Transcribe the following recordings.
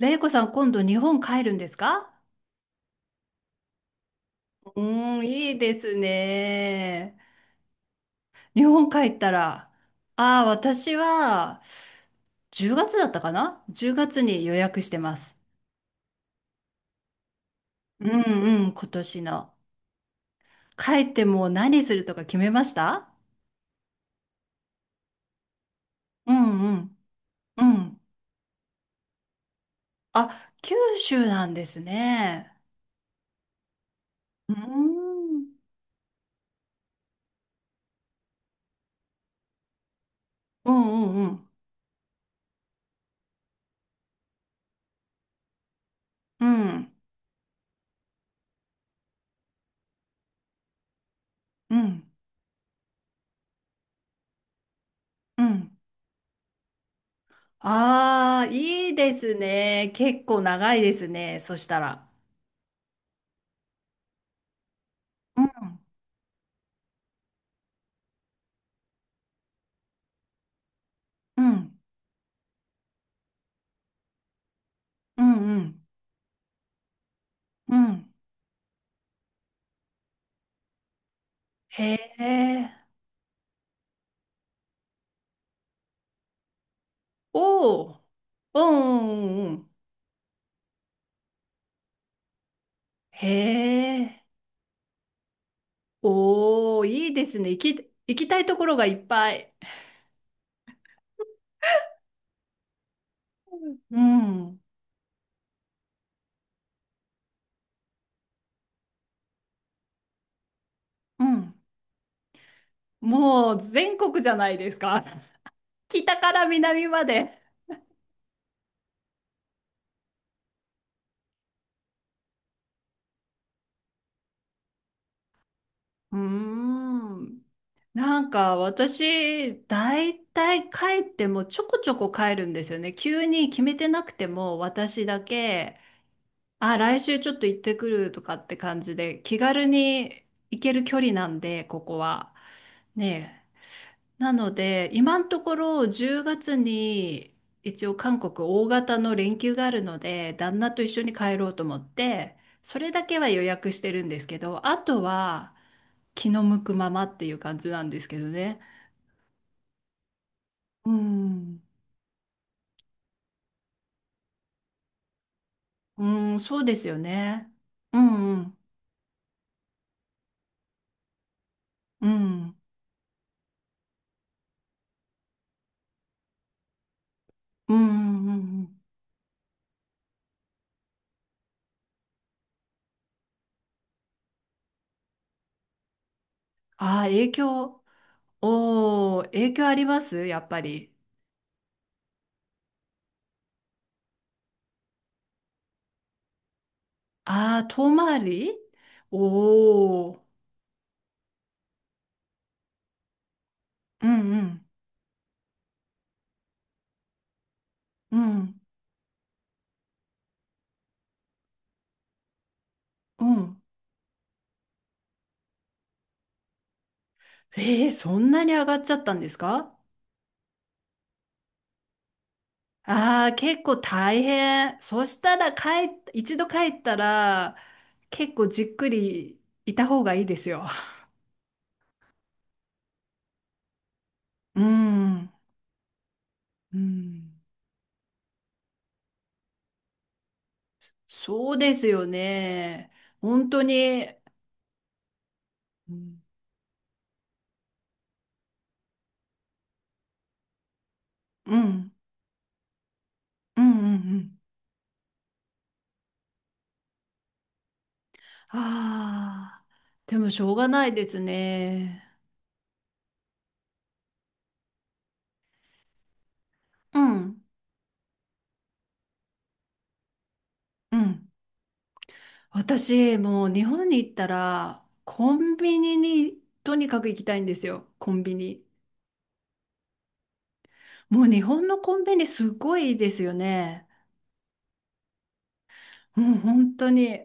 れいこさん、今度日本帰るんですか？うーん、いいですね。日本帰ったら、ああ、私は10月だったかな？ 10 月に予約してます。うんうん、今年の。帰ってもう何するとか決めました？うんうんうん。あ、九州なんですね。うーん。うんうんうんうんうんうん。ああ、いいですね。結構長いですね。そしたら。うん。うん、うん、うん、うん。へえ。おお。うんうんうんうん。へえ。おお。うんうんうん。へえ。お、いいですね。行きたいところがいっぱい。うん、うん。もう全国じゃないですか。北から南まで。うーん。なんか私、だいたいてもちょこちょこ帰るんですよね。急に決めてなくても私だけ。あ、来週ちょっと行ってくるとかって感じで、気軽に行ける距離なんで、ここは。ねえ。なので、今のところ10月に一応韓国大型の連休があるので、旦那と一緒に帰ろうと思って、それだけは予約してるんですけど、あとは気の向くままっていう感じなんですけどね。うん。うん、そうですよね。うんうん。うん。うんうんうんうん。ああ、影響。おー、影響ありますやっぱり。ああ、遠回り。おおー。うんうん、うん、うん。えー、そんなに上がっちゃったんですか？ああー、結構大変。そしたら一度帰ったら、結構じっくりいた方がいいですよ。うん、うん。そうですよね。本当に。うん、うん、うん、うん。うん。ああ、でもしょうがないですね。うん。うん。私、もう日本に行ったら、コンビニにとにかく行きたいんですよ。コンビニ。もう日本のコンビニすごいですよね。もう本当に。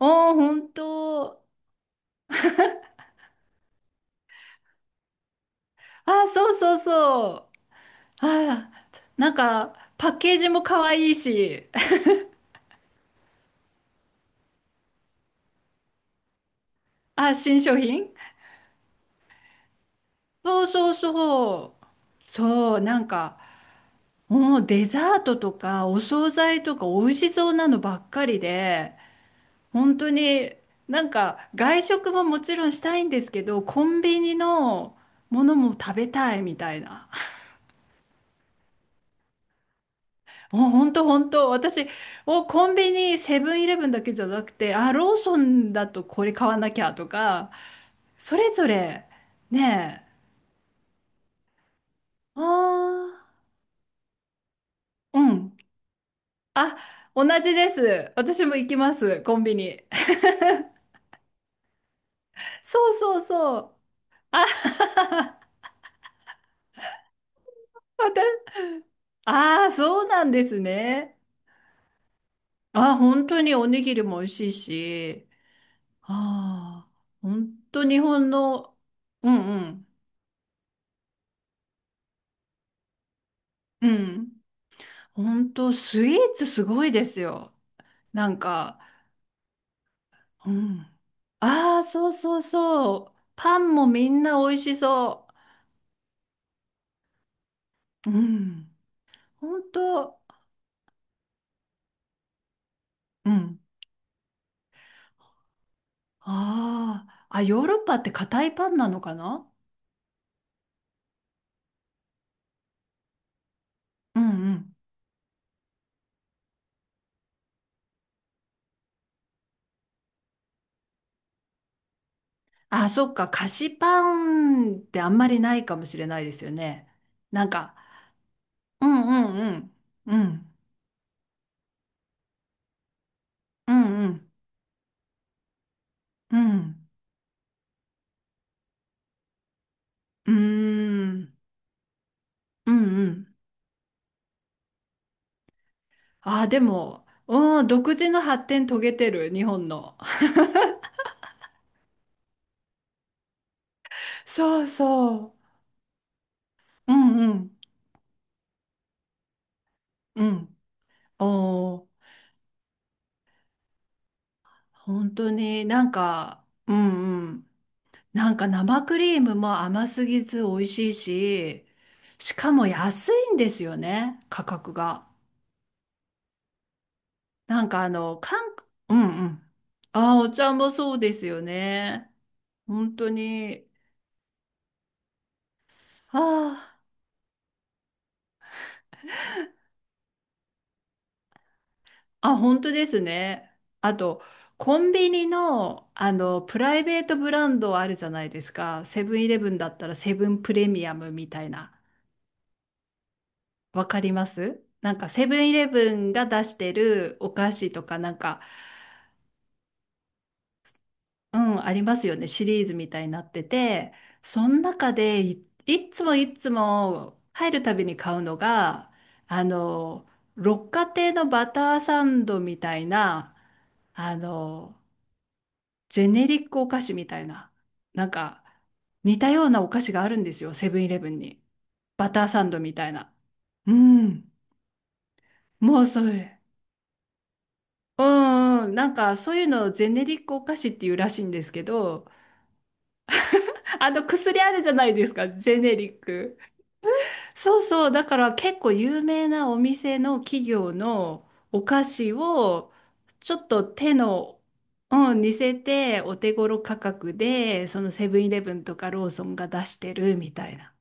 おー、本当。あー、そうそうそう。あー、なんか、パッケージも可愛いし。あー、新商品。そうそうそう。そう、なんか、もうデザートとかお惣菜とか美味しそうなのばっかりで、本当に。なんか外食ももちろんしたいんですけど、コンビニのものも食べたいみたいな。もう本当本当、私、コンビニ、セブンイレブンだけじゃなくて、あ、ローソンだとこれ買わなきゃとか、それぞれ、ねえ。ああ、うん。あ、同じです。私も行きます、コンビニ。そうそうそう。あ。 また、ああ、そうなんですね。ああ、本当におにぎりも美味しいし、ああ、本当日本の、うんうん、うん。本当スイーツすごいですよ。なんか、うん。ああ、そうそうそう。パンもみんな美味しそう。うん。本当、うん。ああ、あ、ヨーロッパって硬いパンなのかな？うんうん。あ、そっか。菓子パンってあんまりないかもしれないですよね。なんか、うんうんうん。うん。うんうん。うん。うーん。うんうん。あ、でも、うん、独自の発展遂げてる、日本の。そうそう。うんうんうん。おー。本当になんか、うんうん。なんか生クリームも甘すぎず美味しいし、しかも安いんですよね、価格が。なんかあの、韓国、うんうん。ああ、お茶もそうですよね。本当に。ああ、あ、本当ですね。あと、コンビニの、あの、プライベートブランドあるじゃないですか。セブンイレブンだったらセブンプレミアムみたいな。わかります。なんかセブンイレブンが出してるお菓子とか、なんか、うん、ありますよね。シリーズみたいになってて、その中でいっつもいっつも入るたびに買うのが、あの、六花亭のバターサンドみたいな、あの、ジェネリックお菓子みたいな、なんか似たようなお菓子があるんですよ、セブンイレブンに。バターサンドみたいな。うん、もうそれ。うんうん、なんかそういうのをジェネリックお菓子っていうらしいんですけど、あの薬あるじゃないですか、ジェネリック。そうそう、だから結構有名なお店の企業のお菓子をちょっと手の、うん、似せてお手頃価格で、そのセブンイレブンとかローソンが出してるみたいな。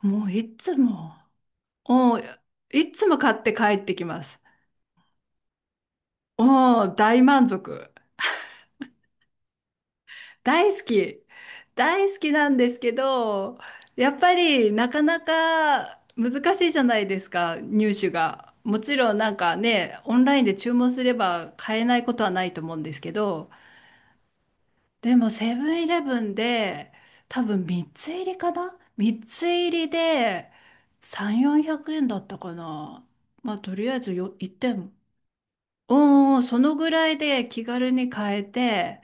もういつも、うん、いつも買って帰ってきます。うん、大満足。大好き。大好きなんですけど、やっぱりなかなか難しいじゃないですか、入手が。もちろんなんかね、オンラインで注文すれば買えないことはないと思うんですけど、でもセブンイレブンで多分3つ入りかな？ 3 つ入りで3、400円だったかな。まあとりあえずよ1点。うんうん、そのぐらいで気軽に買えて、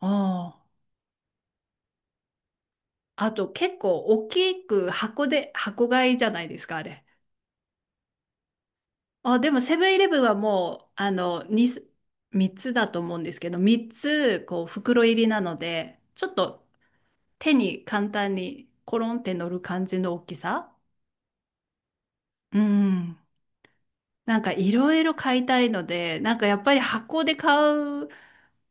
うん。あと結構大きく箱で、箱買いじゃないですか、あれ。あ、でもセブンイレブンはもう、あの、2、3つだと思うんですけど、3つ、こう、袋入りなので、ちょっと手に簡単にコロンって乗る感じの大きさ。うん。なんかいろいろ買いたいので、なんかやっぱり箱で買う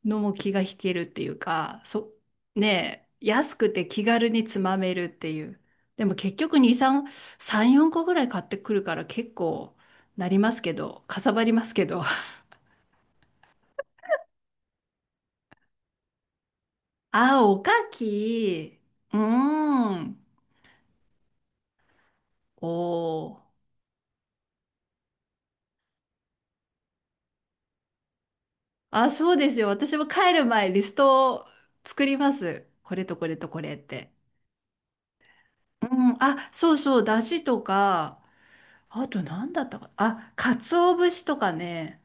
のも気が引けるっていうか、そ、ねえ、安くて気軽につまめるっていう。でも結局2、3、3、4個ぐらい買ってくるから結構なりますけど、かさばりますけど。あ、おかき。うーん。おー。あ、そうですよ。私も帰る前リストを作ります。これとこれとこれって。うん、あ、そうそう、だしとか、あと何だったか。あ、鰹節とかね。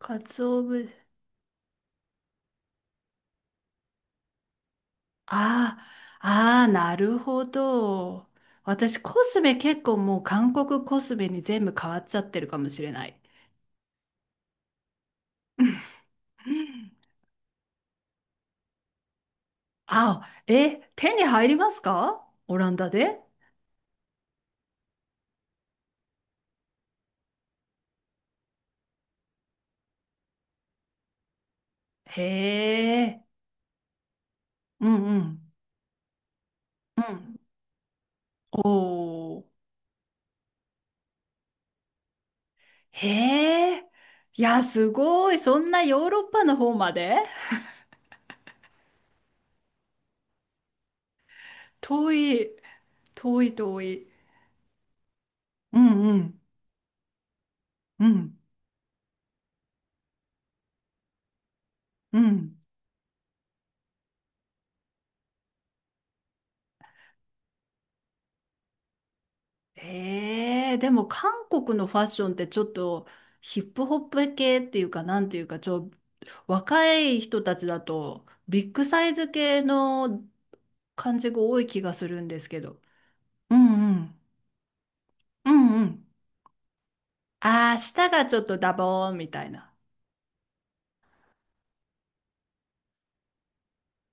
鰹節。ああ、ああ、なるほど。私、コスメ結構もう韓国コスメに全部変わっちゃってるかもしれない。うん。あ、え、手に入りますかオランダで？へえ。うんうん、うん。おー。へえ。いや、すごい、そんなヨーロッパの方まで。遠い。遠い遠い。うんうん、うん。うん。ええ。でも韓国のファッションってちょっとヒップホップ系っていうかなんていうか、若い人たちだとビッグサイズ系の感じが多い気がするんですけど。うんうん。うんうん。ああ下がちょっとダボーンみたいな。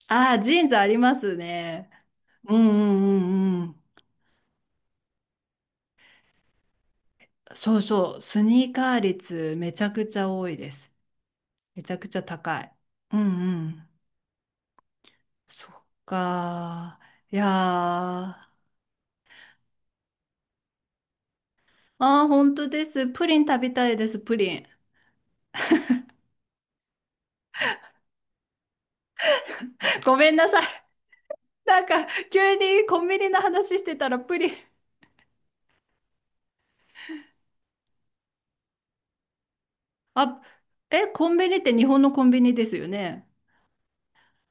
ああジーンズありますね。うんうんうんうん。そうそうスニーカー率めちゃくちゃ多いです。めちゃくちゃ高い。うんうん。そっか。いやー。ああ、本当です。プリン食べたいです、プリン。ごめんなさい。なんか、急にコンビニの話してたらプリン。あ、え、コンビニって日本のコンビニですよね？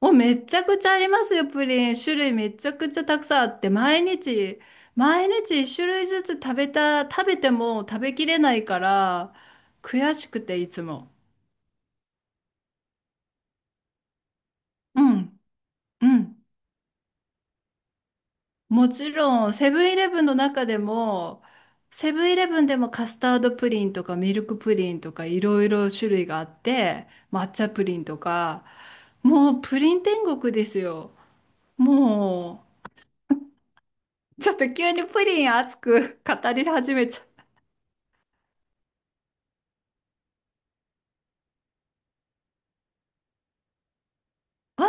お、めっちゃくちゃありますよ、プリン。種類めちゃくちゃたくさんあって、毎日、毎日一種類ずつ食べても食べきれないから、悔しくて、いつも。うん、うん。もちろん、セブンイレブンの中でも、セブンイレブンでもカスタードプリンとかミルクプリンとかいろいろ種類があって、抹茶プリンとか、もうプリン天国ですよ。もう、ちょっと急にプリン熱く 語り始めちゃう。あ、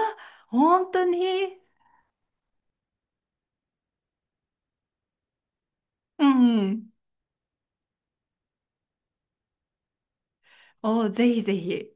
本当に。うんうん。お、ぜひぜひ。